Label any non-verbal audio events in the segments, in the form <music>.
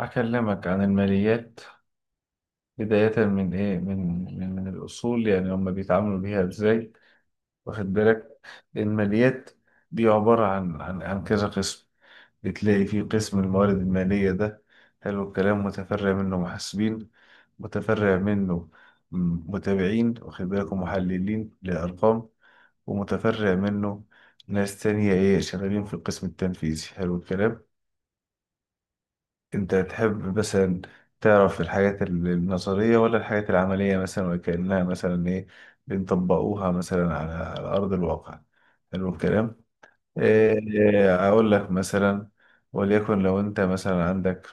أكلمك عن الماليات. بداية من إيه، من الأصول، يعني هم بيتعاملوا بيها إزاي؟ واخد بالك. الماليات دي عبارة عن كذا قسم. بتلاقي في قسم الموارد المالية ده، حلو الكلام. متفرع منه محاسبين، متفرع منه متابعين، واخد بالك، ومحللين لأرقام، ومتفرع منه ناس تانية إيه شغالين في القسم التنفيذي. حلو الكلام. انت تحب مثلا تعرف الحاجات النظرية، ولا الحاجات العملية، مثلا وكأنها مثلا ايه بنطبقوها مثلا على أرض الواقع؟ حلو الكلام. إيه أقول لك مثلا، وليكن لو انت مثلا عندك،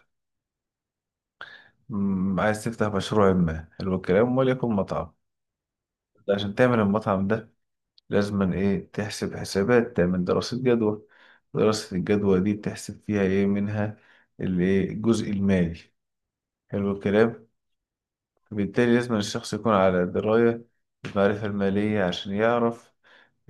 عايز تفتح مشروع ما، حلو الكلام، وليكن مطعم. عشان تعمل المطعم ده لازم ايه تحسب حسابات، تعمل دراسة جدوى. دراسة الجدوى دي بتحسب فيها ايه منها؟ الايه الجزء المالي. حلو الكلام. بالتالي لازم الشخص يكون على دراية بالمعرفة المالية، عشان يعرف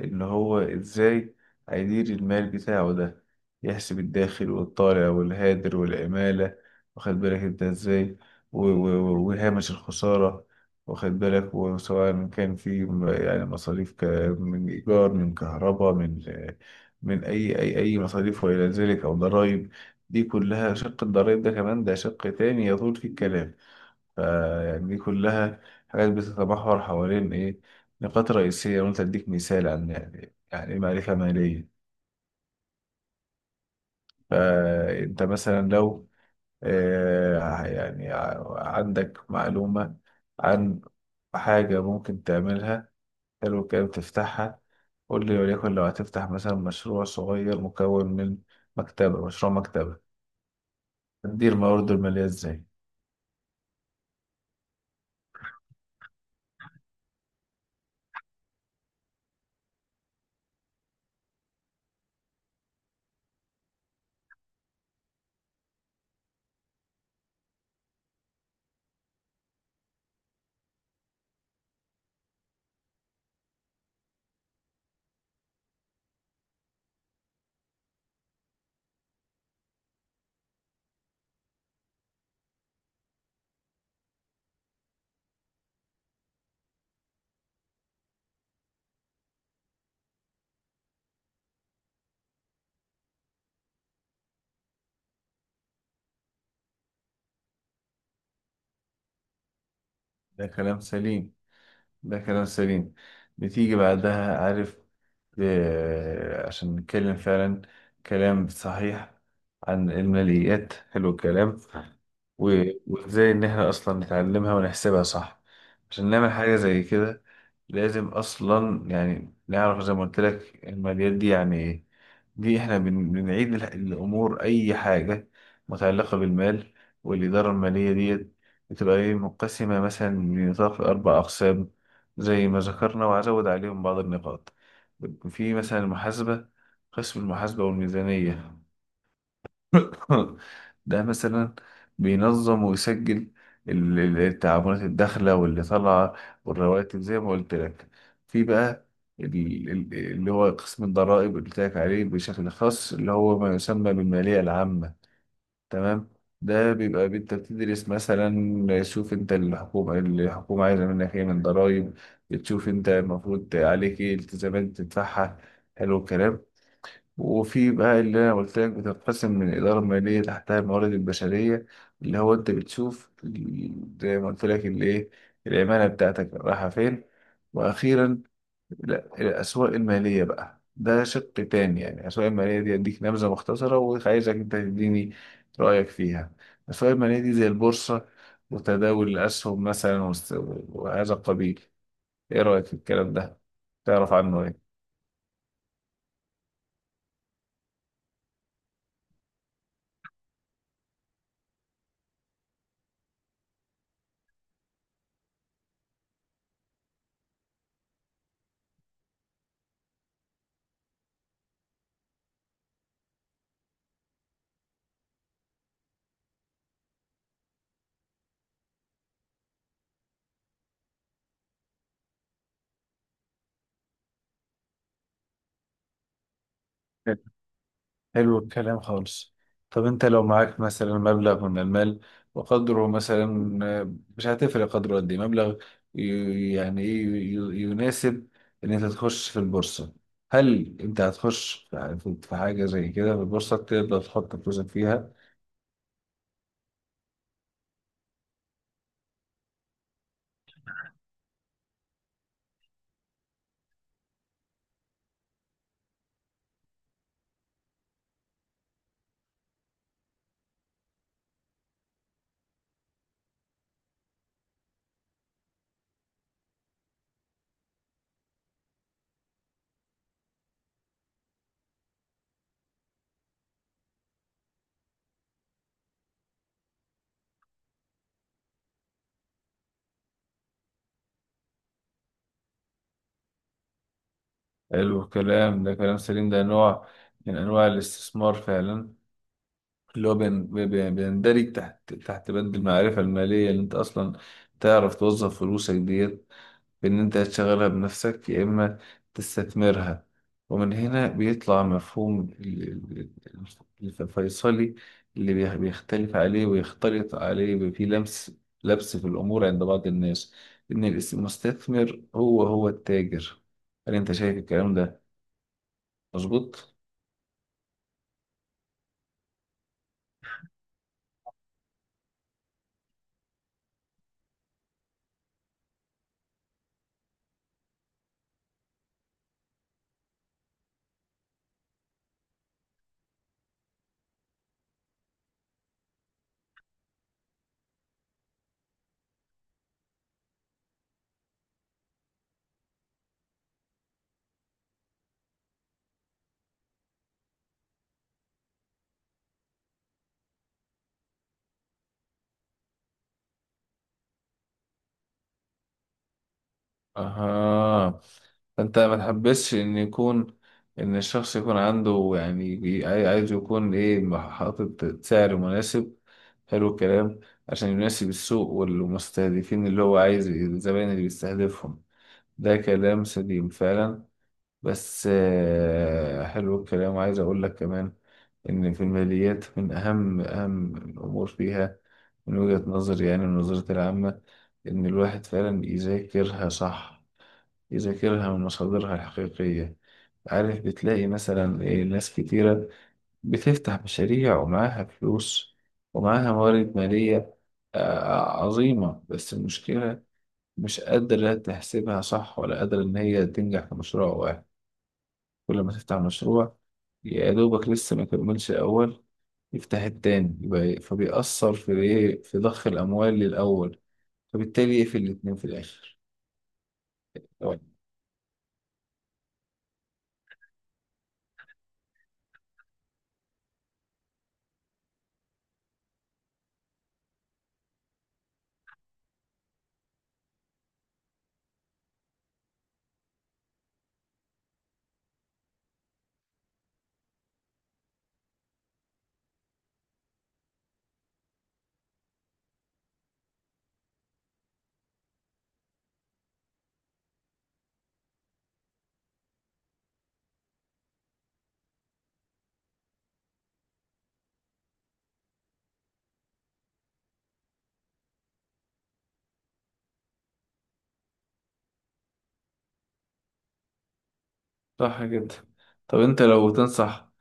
إن هو إزاي هيدير المال بتاعه ده، يحسب الداخل والطالع والهادر والعمالة، واخد بالك أنت إزاي، وهامش الخسارة. واخد بالك. وسواء كان في يعني مصاريف من إيجار، من كهرباء، من أي مصاريف وإلى ذلك، أو ضرايب. دي كلها شق الضرايب ده، كمان ده شق تاني يطول في الكلام. فيعني دي كلها حاجات بتتمحور حوالين إيه، نقاط رئيسية. وأنت أديك مثال عن يعني إيه معرفة مالية. فأنت مثلا لو يعني عندك معلومة عن حاجة ممكن تعملها، حلو كده تفتحها. قول لي، وليكن لو هتفتح مثلا مشروع صغير مكون من مكتبة، مشروع مكتبة، تدير موارده المالية إزاي؟ ده كلام سليم، ده كلام سليم. بتيجي بعدها عارف، عشان نتكلم فعلا كلام صحيح عن الماليات، حلو الكلام. وازاي ان احنا اصلا نتعلمها ونحسبها صح، عشان نعمل حاجة زي كده، لازم اصلا يعني نعرف زي ما قلت لك الماليات دي يعني ايه. دي احنا بنعيد الامور، اي حاجه متعلقه بالمال. والاداره الماليه ديت بتبقى ايه مقسمه مثلا لنطاق اربع اقسام، زي ما ذكرنا، وهزود عليهم بعض النقاط. في مثلا المحاسبه، قسم المحاسبه والميزانيه، <laughs> ده مثلا بينظم ويسجل التعاملات الداخلة واللي طالعة والرواتب، زي ما قلت لك. في بقى اللي هو قسم الضرائب اللي قلت لك عليه بشكل خاص، اللي هو ما يسمى بالمالية العامة، تمام. ده بيبقى انت بتدرس مثلا، شوف انت الحكومة عايزة منك ايه من ضرائب، بتشوف انت المفروض عليك ايه التزامات تدفعها. حلو الكلام. وفي بقى اللي انا قلت لك، بتنقسم من اداره ماليه تحتها الموارد البشريه، اللي هو انت بتشوف زي ما قلت لك اللي ايه العماله بتاعتك رايحه فين. واخيرا لا، الاسواق الماليه بقى، ده شق تاني. يعني الاسواق الماليه دي اديك نبذه مختصره، وعايزك انت تديني رايك فيها. الاسواق الماليه دي زي البورصه وتداول الاسهم مثلا، وهذا القبيل. ايه رايك في الكلام ده، تعرف عنه ايه؟ حلو الكلام خالص. طب انت لو معاك مثلا مبلغ من المال وقدره مثلا، مش هتفرق قدره قد ايه مبلغ، يعني ايه يناسب ان انت تخش في البورصة، هل انت هتخش في حاجة زي كده في البورصة تقدر تحط فلوسك فيها؟ حلو الكلام، ده كلام سليم، ده نوع من انواع الاستثمار فعلا، اللي هو بيندرج تحت بند المعرفة المالية، اللي انت اصلا تعرف توظف فلوسك ديت بإن أنت تشغلها بنفسك، يا إما تستثمرها. ومن هنا بيطلع مفهوم ال- الفيصلي اللي بيختلف عليه ويختلط عليه. بيبقى فيه لبس في الأمور عند بعض الناس، إن المستثمر هو هو التاجر. هل أنت شايف الكلام ده مظبوط؟ اها. فانت ما تحبسش ان يكون، ان الشخص يكون عنده يعني عايز يكون ايه حاطط سعر مناسب، حلو الكلام، عشان يناسب السوق والمستهدفين، اللي هو عايز الزبائن اللي بيستهدفهم. ده كلام سليم فعلا. بس حلو الكلام، وعايز اقول لك كمان ان في الماليات من اهم الامور فيها، من وجهة نظري يعني النظرة العامة، ان الواحد فعلا يذاكرها صح، يذاكرها من مصادرها الحقيقية. عارف، بتلاقي مثلا إيه ناس كتيرة بتفتح مشاريع ومعاها فلوس ومعاها موارد مالية عظيمة، بس المشكلة مش قادرة تحسبها صح، ولا قادرة إن هي تنجح في مشروع واحد. كل ما تفتح مشروع، يا دوبك لسه ما كملش الأول، يفتح التاني، يبقى إيه، فبيأثر في إيه، في ضخ الأموال للأول، فبالتالي يقفل الاتنين في الآخر. صح جدا. طب انت لو تنصح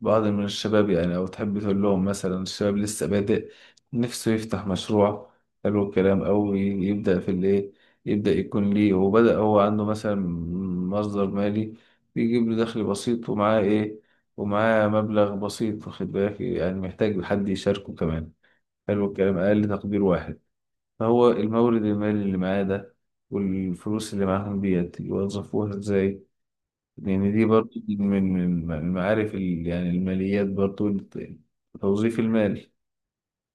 بعض من الشباب، يعني او تحب تقول لهم مثلا الشباب لسه بادئ نفسه يفتح مشروع، حلو الكلام، او يبدأ في الايه، يبدأ يكون ليه، وبدأ هو عنده مثلا مصدر مالي بيجيب له دخل بسيط، ومعاه ايه، ومعاه مبلغ بسيط، واخد بالك، يعني محتاج حد يشاركه كمان، حلو الكلام، اقل تقدير واحد. فهو المورد المالي اللي معاه ده والفلوس اللي معاهم ديت يوظفوها ازاي؟ يعني دي برضو من المعارف يعني الماليات برضو توظيف المال.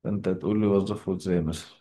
فأنت تقول لي وظفه إزاي مثلا؟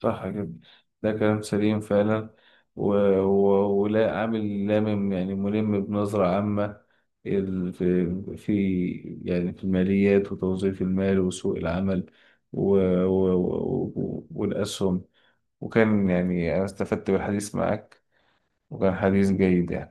صح كده، ده كلام سليم فعلا. و... ولا عامل يعني ملم بنظرة عامة، في يعني في الماليات وتوظيف المال وسوق العمل، و... و... والأسهم. وكان يعني أنا استفدت بالحديث معك، وكان حديث جيد، يعني